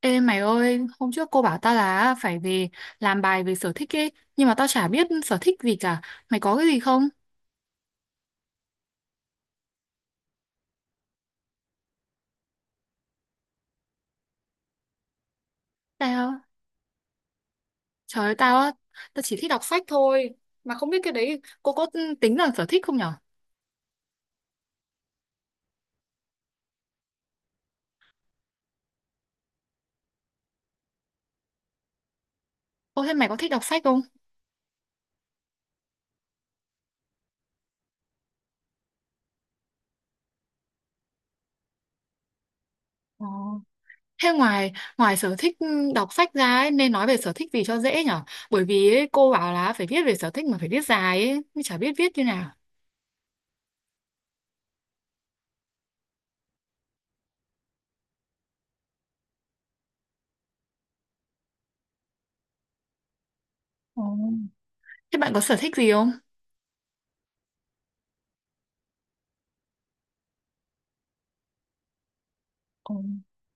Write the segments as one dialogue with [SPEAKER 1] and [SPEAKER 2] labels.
[SPEAKER 1] Ê mày ơi, hôm trước cô bảo tao là phải về làm bài về sở thích ấy, nhưng mà tao chả biết sở thích gì cả. Mày có cái gì không? Tao, Trời ơi, tao chỉ thích đọc sách thôi. Mà không biết cái đấy cô có tính là sở thích không nhở? Ô thế mày có thích đọc sách không? Ờ. Thế ngoài ngoài sở thích đọc sách ra ấy, nên nói về sở thích gì cho dễ nhở? Bởi vì ấy, cô bảo là phải viết về sở thích mà phải viết dài ấy, nhưng chả biết viết như nào. Ờ. Thế bạn có sở thích gì không? Ồ.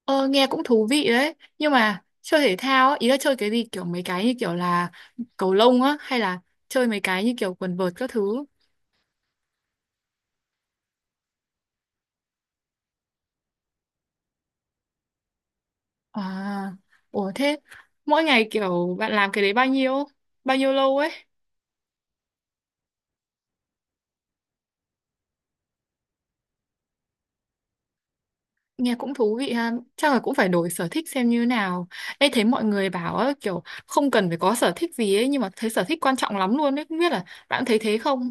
[SPEAKER 1] Ờ, nghe cũng thú vị đấy nhưng mà chơi thể thao á, ý là chơi cái gì kiểu mấy cái như kiểu là cầu lông á hay là chơi mấy cái như kiểu quần vợt các thứ. À, ủa, thế mỗi ngày kiểu bạn làm cái đấy bao nhiêu lâu ấy? Nghe cũng thú vị ha, chắc là cũng phải đổi sở thích xem như nào. Ê, thấy mọi người bảo á, kiểu không cần phải có sở thích gì ấy, nhưng mà thấy sở thích quan trọng lắm luôn đấy, không biết là bạn thấy thế không?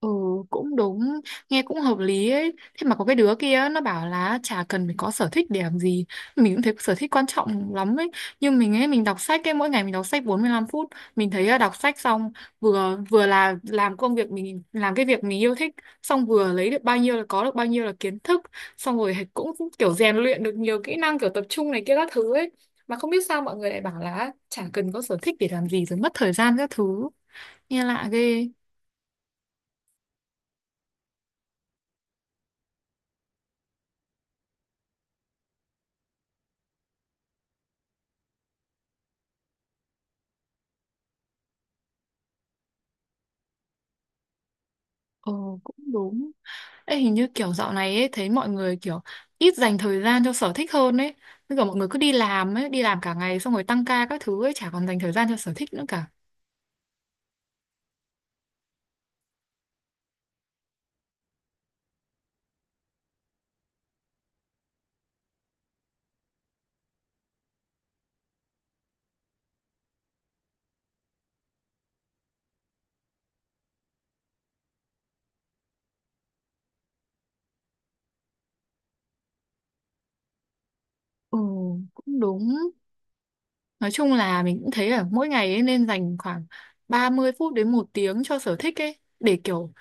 [SPEAKER 1] Ừ, cũng đúng. Nghe cũng hợp lý ấy. Thế mà có cái đứa kia nó bảo là chả cần phải có sở thích để làm gì. Mình cũng thấy sở thích quan trọng lắm ấy. Nhưng mình ấy, mình đọc sách ấy, mỗi ngày mình đọc sách 45 phút. Mình thấy là đọc sách xong, Vừa vừa là làm công việc mình, làm cái việc mình yêu thích, xong vừa lấy được bao nhiêu là có được bao nhiêu là kiến thức, xong rồi cũng kiểu rèn luyện được nhiều kỹ năng, kiểu tập trung này kia các thứ ấy. Mà không biết sao mọi người lại bảo là chả cần có sở thích để làm gì, rồi mất thời gian các thứ. Nghe lạ ghê. Ồ, cũng đúng. Ê, hình như kiểu dạo này ấy, thấy mọi người kiểu ít dành thời gian cho sở thích hơn ấy. Bây giờ mọi người cứ đi làm ấy, đi làm cả ngày xong rồi tăng ca các thứ ấy, chả còn dành thời gian cho sở thích nữa cả. Ừ, cũng đúng. Nói chung là mình cũng thấy là mỗi ngày ấy nên dành khoảng 30 phút đến 1 tiếng cho sở thích ấy. Để kiểu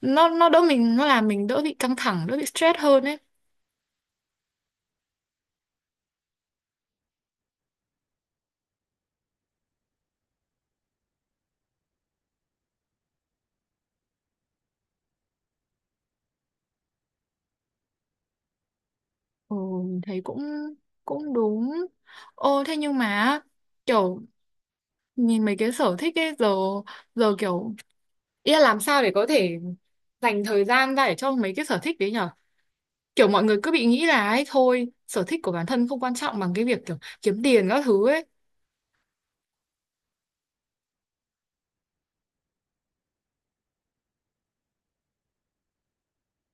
[SPEAKER 1] nó đỡ mình, nó làm mình đỡ bị căng thẳng, đỡ bị stress hơn ấy. Ừ, mình thấy cũng cũng đúng. Ô, thế nhưng mà kiểu nhìn mấy cái sở thích ấy giờ, kiểu ý là làm sao để có thể dành thời gian ra để cho mấy cái sở thích đấy nhở? Kiểu mọi người cứ bị nghĩ là ấy thôi, sở thích của bản thân không quan trọng bằng cái việc kiểu kiếm tiền các thứ ấy.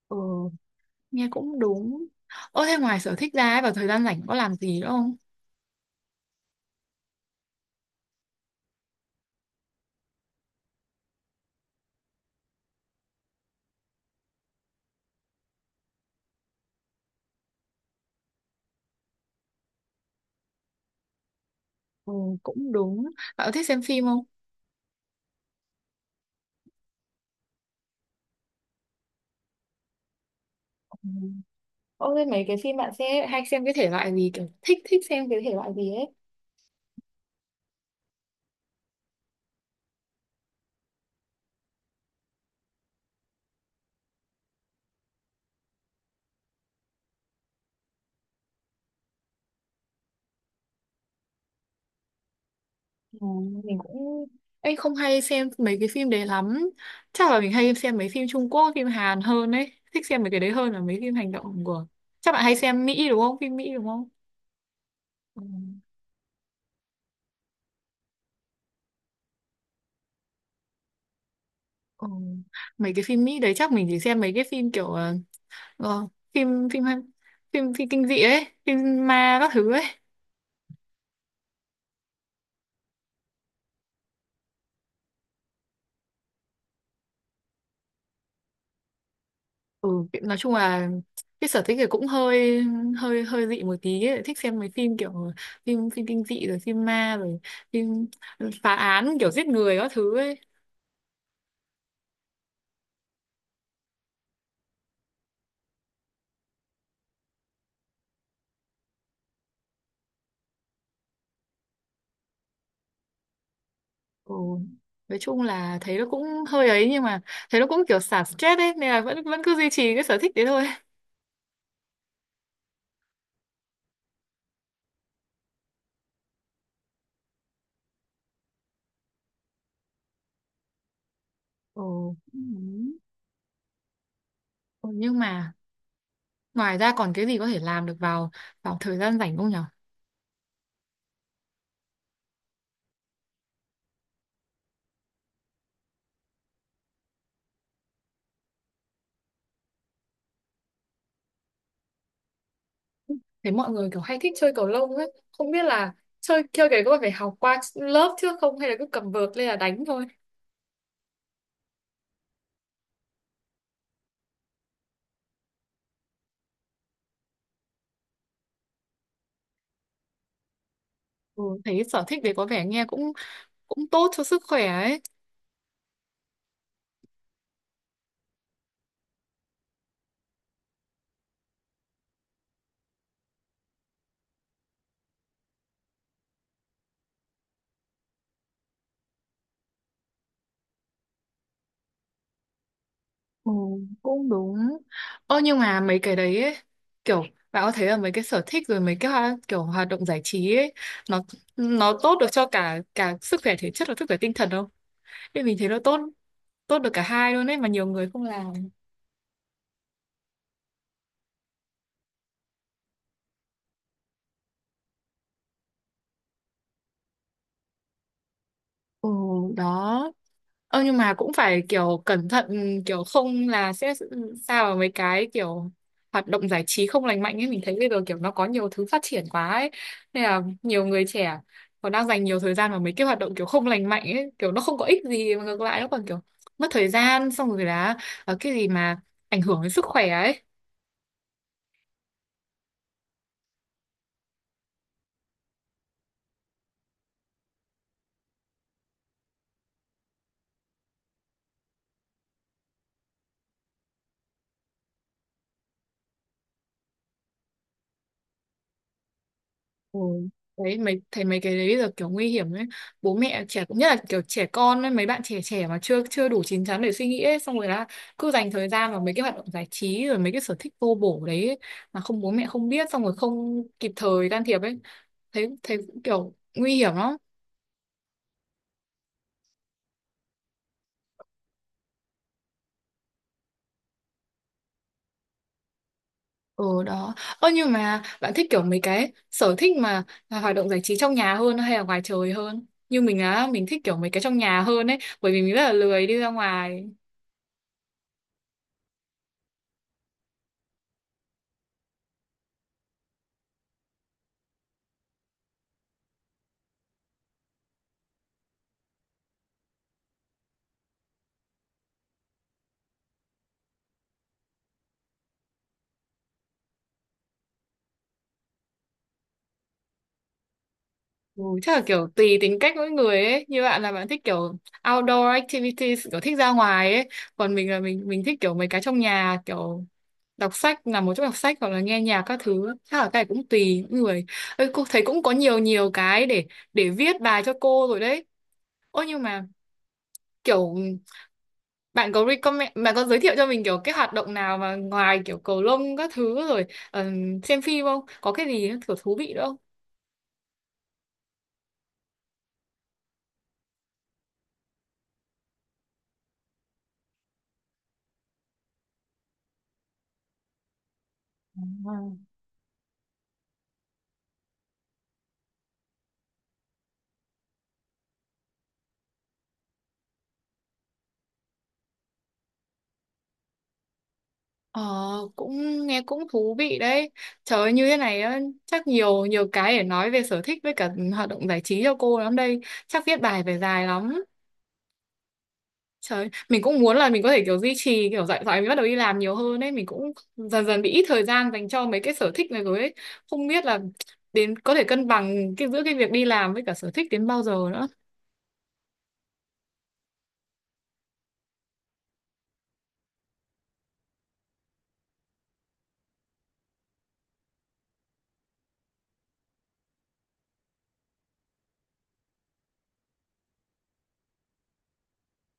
[SPEAKER 1] Ừ, nghe cũng đúng. Ơ thế ngoài sở thích ra ấy, vào thời gian rảnh có làm gì nữa không? Ừ, cũng đúng. Bạn có thích xem phim không? Ừ. Ơ thế mấy cái phim bạn sẽ hay xem cái thể loại gì, kiểu thích thích xem cái thể loại gì ấy? Ừ, mình cũng anh không hay xem mấy cái phim đấy lắm, chắc là mình hay xem mấy phim Trung Quốc, phim Hàn hơn ấy, thích xem mấy cái đấy hơn là mấy phim hành động của. Chắc bạn hay xem Mỹ đúng không, phim Mỹ đúng không? Ừ. Ừ. Mấy cái phim Mỹ đấy chắc mình chỉ xem mấy cái phim kiểu ờ, phim phim phim phim kinh dị ấy, phim ma các thứ ấy. Ừ, nói chung là cái sở thích thì cũng hơi hơi hơi dị một tí ấy. Thích xem mấy phim kiểu phim phim kinh dị, rồi phim ma, rồi phim phá án kiểu giết người các thứ ấy. Ừ. Nói chung là thấy nó cũng hơi ấy nhưng mà thấy nó cũng kiểu xả stress ấy, nên là vẫn vẫn cứ duy trì cái sở thích đấy thôi. Ừ. Ừ. Ừ, nhưng mà ngoài ra còn cái gì có thể làm được vào vào thời gian rảnh không nhở? Thấy mọi người kiểu hay thích chơi cầu lông ấy, không biết là chơi chơi cái có phải học qua lớp trước không hay là cứ cầm vợt lên là đánh thôi. Ừ, thấy sở thích đấy có vẻ nghe cũng cũng tốt cho sức khỏe ấy. Ừ, cũng đúng. Ơ nhưng mà mấy cái đấy ấy, kiểu bạn có thấy là mấy cái sở thích rồi mấy cái kiểu hoạt động giải trí ấy, nó nó tốt được cho cả cả sức khỏe thể chất và sức khỏe tinh thần không? Nên mình thấy nó tốt tốt được cả hai luôn ấy mà nhiều người không làm. Ừ, đó. Ơ nhưng mà cũng phải kiểu cẩn thận, kiểu không là sẽ sao vào mấy cái kiểu hoạt động giải trí không lành mạnh ấy, mình thấy bây giờ kiểu nó có nhiều thứ phát triển quá ấy, nên là nhiều người trẻ còn đang dành nhiều thời gian vào mấy cái hoạt động kiểu không lành mạnh ấy, kiểu nó không có ích gì mà ngược lại nó còn kiểu mất thời gian, xong rồi là cái gì mà ảnh hưởng đến sức khỏe ấy. Ừ. Đấy, thấy mấy cái đấy giờ kiểu nguy hiểm ấy, bố mẹ trẻ cũng, nhất là kiểu trẻ con ấy, mấy bạn trẻ trẻ mà chưa chưa đủ chín chắn để suy nghĩ ấy, xong rồi là cứ dành thời gian vào mấy cái hoạt động giải trí rồi mấy cái sở thích vô bổ đấy ấy, mà không bố mẹ không biết, xong rồi không kịp thời can thiệp ấy, thấy thấy cũng kiểu nguy hiểm lắm. Ừ, đó. Ơ nhưng mà bạn thích kiểu mấy cái sở thích mà là hoạt động giải trí trong nhà hơn hay là ngoài trời hơn, như mình á mình thích kiểu mấy cái trong nhà hơn ấy, bởi vì mình rất là lười đi ra ngoài. Ừ, chắc là kiểu tùy tính cách mỗi người ấy, như bạn là bạn thích kiểu outdoor activities, kiểu thích ra ngoài ấy, còn mình là mình thích kiểu mấy cái trong nhà, kiểu đọc sách, nằm một chỗ đọc sách hoặc là nghe nhạc các thứ, chắc là cái này cũng tùy mỗi người. Ê, cô thấy cũng có nhiều nhiều cái để viết bài cho cô rồi đấy. Ôi nhưng mà kiểu bạn có giới thiệu cho mình kiểu cái hoạt động nào mà ngoài kiểu cầu lông các thứ rồi, ờ, xem phim, không có cái gì kiểu thú vị nữa không? Ờ, cũng nghe cũng thú vị đấy. Trời ơi, như thế này á, chắc nhiều nhiều cái để nói về sở thích với cả hoạt động giải trí cho cô lắm đây. Chắc viết bài phải dài lắm. Trời, mình cũng muốn là mình có thể kiểu duy trì, kiểu dạy dạy mình bắt đầu đi làm nhiều hơn ấy, mình cũng dần dần bị ít thời gian dành cho mấy cái sở thích này rồi ấy. Không biết là đến có thể cân bằng cái giữa cái việc đi làm với cả sở thích đến bao giờ nữa.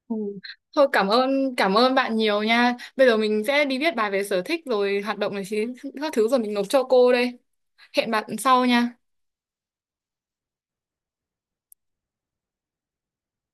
[SPEAKER 1] Ừ. Thôi cảm ơn bạn nhiều nha. Bây giờ mình sẽ đi viết bài về sở thích rồi hoạt động này các thứ rồi mình nộp cho cô đây. Hẹn bạn sau nha.